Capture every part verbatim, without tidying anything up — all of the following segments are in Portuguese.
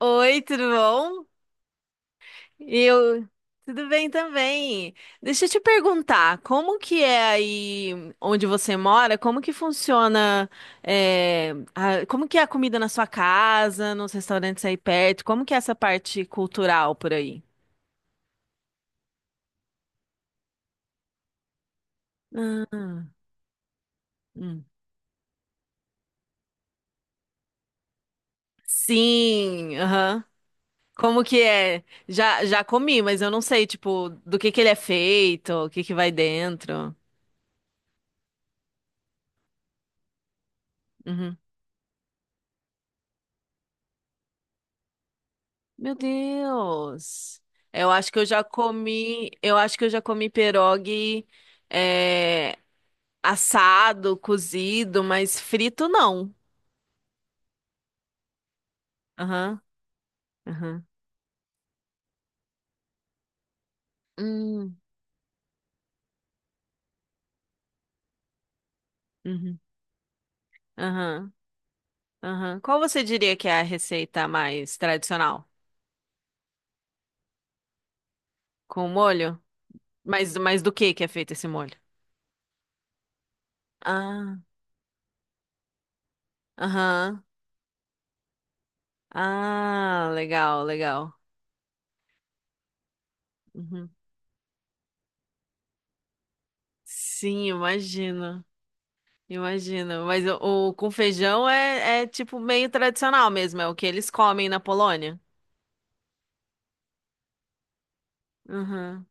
Oi, tudo bom? Eu, tudo bem também. Deixa eu te perguntar, como que é aí onde você mora? Como que funciona, é, a- como que é a comida na sua casa, nos restaurantes aí perto? Como que é essa parte cultural por aí? Ah, hum. Sim, aham. Como que é? Já, já comi, mas eu não sei, tipo, do que que ele é feito, o que que vai dentro. Uhum. Meu Deus. Eu acho que eu já comi, eu acho que eu já comi pierogi é, assado, cozido, mas frito não. Aham, aham. Hum, uhum, aham, aham. Qual você diria que é a receita mais tradicional? Com molho? Mas, mas do que que é feito esse molho? Ah, aham. Ah, legal, legal. Uhum. Sim, imagino. Imagino. Mas o, o com feijão é, é tipo meio tradicional mesmo, é o que eles comem na Polônia. Uhum.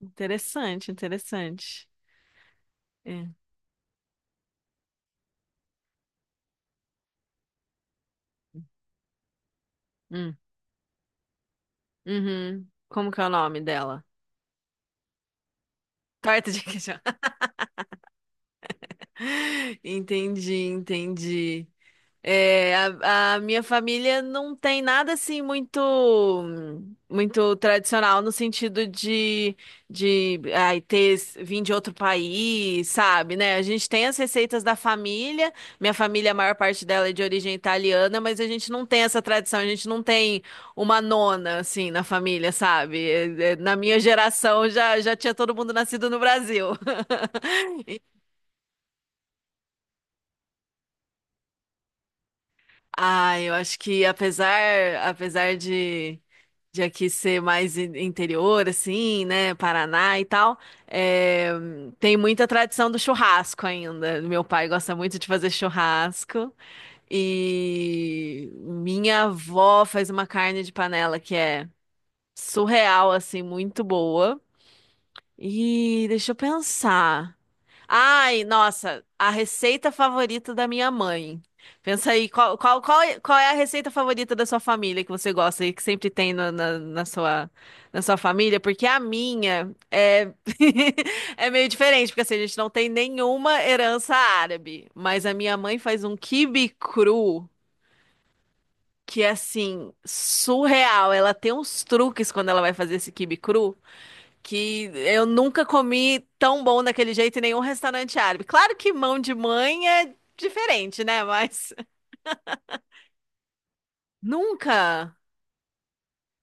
Interessante, interessante. É. Hum. Uhum. Como que é o nome dela? Torta de queijo. Entendi, entendi. É, a, a minha família não tem nada assim muito muito tradicional no sentido de, de ai, ter vim de outro país, sabe, né? A gente tem as receitas da família. Minha família, a maior parte dela é de origem italiana, mas a gente não tem essa tradição, a gente não tem uma nona assim na família, sabe? É, é, Na minha geração já, já tinha todo mundo nascido no Brasil. Ah, eu acho que apesar apesar de de aqui ser mais in- interior, assim, né? Paraná e tal. É, tem muita tradição do churrasco ainda. Meu pai gosta muito de fazer churrasco. E minha avó faz uma carne de panela que é surreal, assim, muito boa. E deixa eu pensar. Ai, nossa, a receita favorita da minha mãe. Pensa aí, qual, qual, qual, é qual é a receita favorita da sua família que você gosta e que sempre tem na, na, na sua, na sua família? Porque a minha é, é meio diferente, porque assim, a gente não tem nenhuma herança árabe. Mas a minha mãe faz um quibe cru que é assim, surreal. Ela tem uns truques quando ela vai fazer esse quibe cru que eu nunca comi tão bom daquele jeito em nenhum restaurante árabe. Claro que mão de mãe é diferente, né? Mas nunca.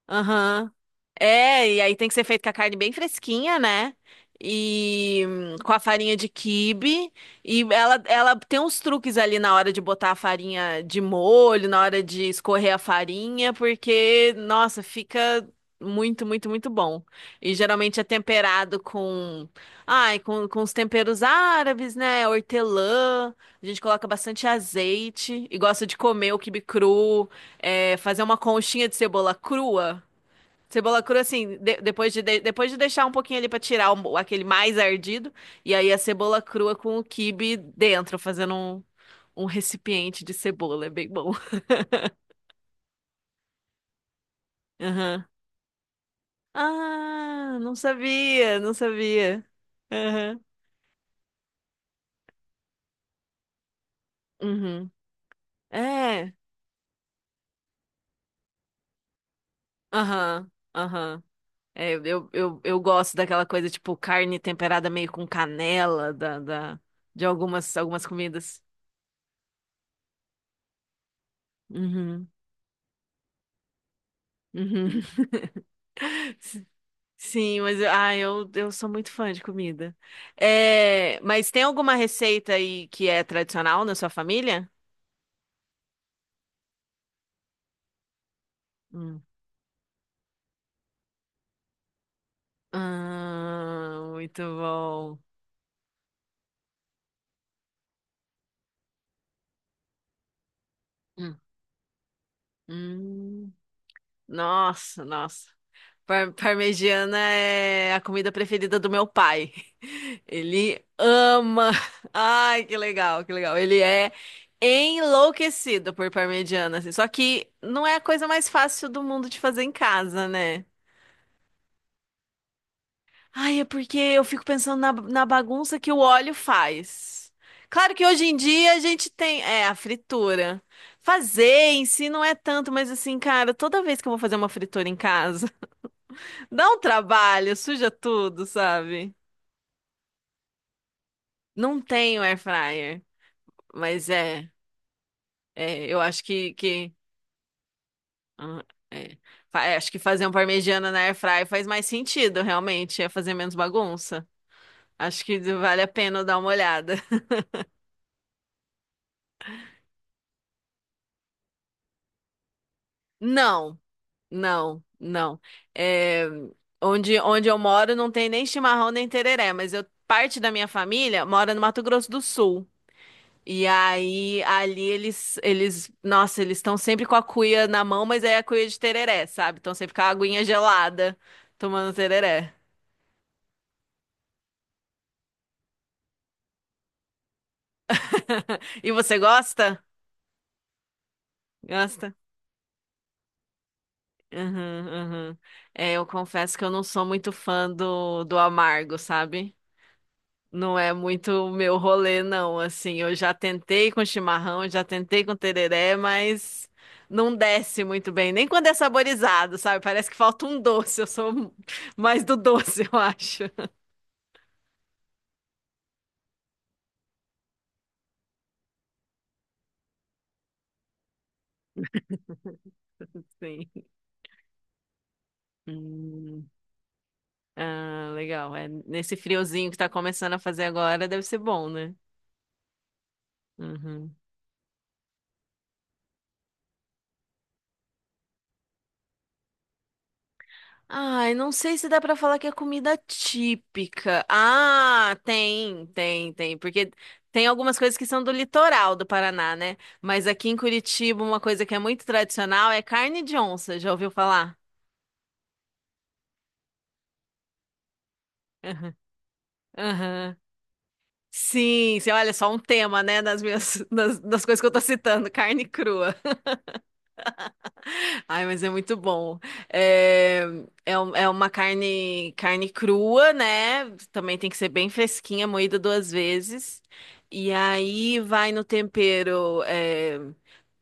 Aham. É, e aí tem que ser feito com a carne bem fresquinha, né? E hum, com a farinha de quibe. E ela, ela tem uns truques ali na hora de botar a farinha de molho, na hora de escorrer a farinha, porque, nossa, fica muito, muito, muito bom. E geralmente é temperado com, ai, com, com os temperos árabes, né? Hortelã. A gente coloca bastante azeite e gosta de comer o quibe cru, é, fazer uma conchinha de cebola crua. Cebola crua, assim, de- depois de, de- depois de deixar um pouquinho ali pra tirar o- aquele mais ardido, e aí a cebola crua com o quibe dentro, fazendo um, um recipiente de cebola, é bem bom. Aham. Ah, não sabia, não sabia. Aham. Uhum. É. Aham. Aham. É, eu, eu, eu gosto daquela coisa, tipo, carne temperada meio com canela, da, da, de algumas, algumas comidas. Uhum. Uhum. Sim, mas eu- ah, eu, eu sou muito fã de comida. É, mas tem alguma receita aí que é tradicional na sua família? Hum. Ah, muito bom. Hum. Hum. Nossa, nossa. Par- parmegiana é a comida preferida do meu pai. Ele ama. Ai, que legal, que legal. Ele é enlouquecido por parmegiana, assim. Só que não é a coisa mais fácil do mundo de fazer em casa, né? Ai, é porque eu fico pensando na, na bagunça que o óleo faz. Claro que hoje em dia a gente tem, é, a fritura. Fazer em si não é tanto, mas assim, cara, toda vez que eu vou fazer uma fritura em casa, dá um trabalho, suja tudo, sabe? Não tenho air fryer, mas é, é, eu acho que, que ah, é, fa- é, acho que fazer um parmegiana na air fryer faz mais sentido, realmente, é fazer menos bagunça. Acho que vale a pena eu dar uma olhada. Não. Não, não. É, onde, onde eu moro não tem nem chimarrão nem tereré, mas eu, parte da minha família mora no Mato Grosso do Sul. E aí, ali eles, eles, nossa, eles estão sempre com a cuia na mão, mas é a cuia de tereré, sabe? Estão sempre com a aguinha gelada, tomando tereré. E você gosta? Gosta? Uhum, uhum. É, eu confesso que eu não sou muito fã do, do amargo, sabe? Não é muito o meu rolê, não. Assim, eu já tentei com chimarrão, já tentei com tereré, mas não desce muito bem. Nem quando é saborizado, sabe? Parece que falta um doce. Eu sou mais do doce, eu acho. Sim. Hum. Ah, legal. É, nesse friozinho que tá começando a fazer agora, deve ser bom, né? Uhum. Ai, não sei se dá pra falar que é comida típica. Ah, tem, tem, tem, porque tem algumas coisas que são do litoral do Paraná, né? Mas aqui em Curitiba, uma coisa que é muito tradicional é carne de onça. Já ouviu falar? Aham. Aham. Sim, você olha só um tema, né, das minhas das, das coisas que eu tô citando, carne crua. Ai, mas é muito bom. É, é, um- é uma carne, carne crua, né? Também tem que ser bem fresquinha, moída duas vezes. E aí vai no tempero, é,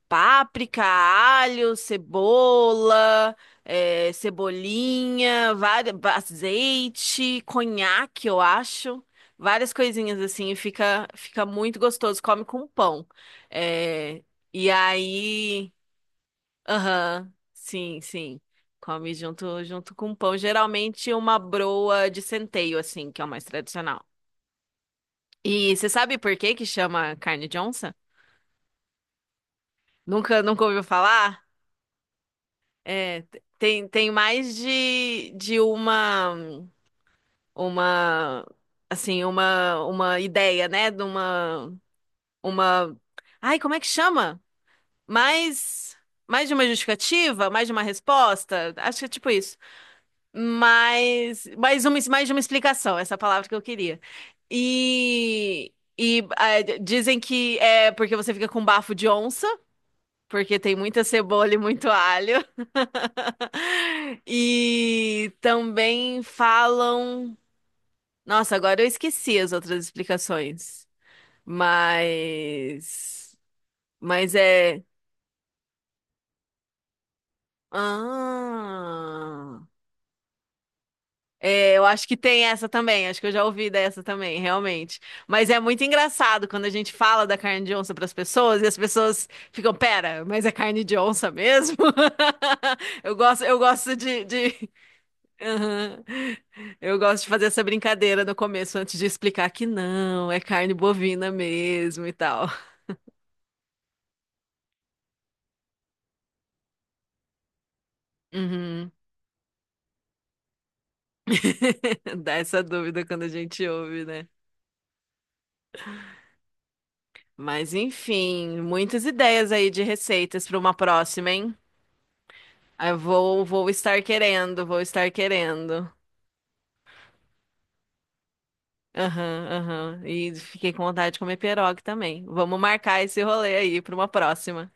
páprica, alho, cebola, é, cebolinha, várias, azeite, conhaque, eu acho. Várias coisinhas assim, e fica, fica muito gostoso. Come com pão. É, e aí. Aham, sim, sim. Come junto, junto com pão. Geralmente uma broa de centeio, assim, que é o mais tradicional. E você sabe por que que chama carne de onça? Nunca, nunca ouviu falar? É, t- tem, tem mais de, de uma, uma, assim, uma, uma ideia, né? De uma, uma, ai, como é que chama? Mais, mais de uma justificativa? Mais de uma resposta? Acho que é tipo isso. Mas mais uma, mais de uma explicação, essa palavra que eu queria. E, e ah, d- dizem que é porque você fica com bafo de onça, porque tem muita cebola e muito alho. E também falam. Nossa, agora eu esqueci as outras explicações. Mas. Mas é. Ah. É, eu acho que tem essa também, acho que eu já ouvi dessa também, realmente. Mas é muito engraçado quando a gente fala da carne de onça para as pessoas e as pessoas ficam, pera, mas é carne de onça mesmo? Eu gosto, eu gosto de, de- Aham. Eu gosto de fazer essa brincadeira no começo antes de explicar que não, é carne bovina mesmo e tal. Uhum. Dá essa dúvida quando a gente ouve, né? Mas enfim, muitas ideias aí de receitas para uma próxima, hein? eu vou, vou estar querendo, vou estar querendo. Aham, aham. E fiquei com vontade de comer pierogi também. Vamos marcar esse rolê aí para uma próxima.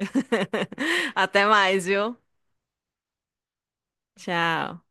Até mais, viu? Tchau.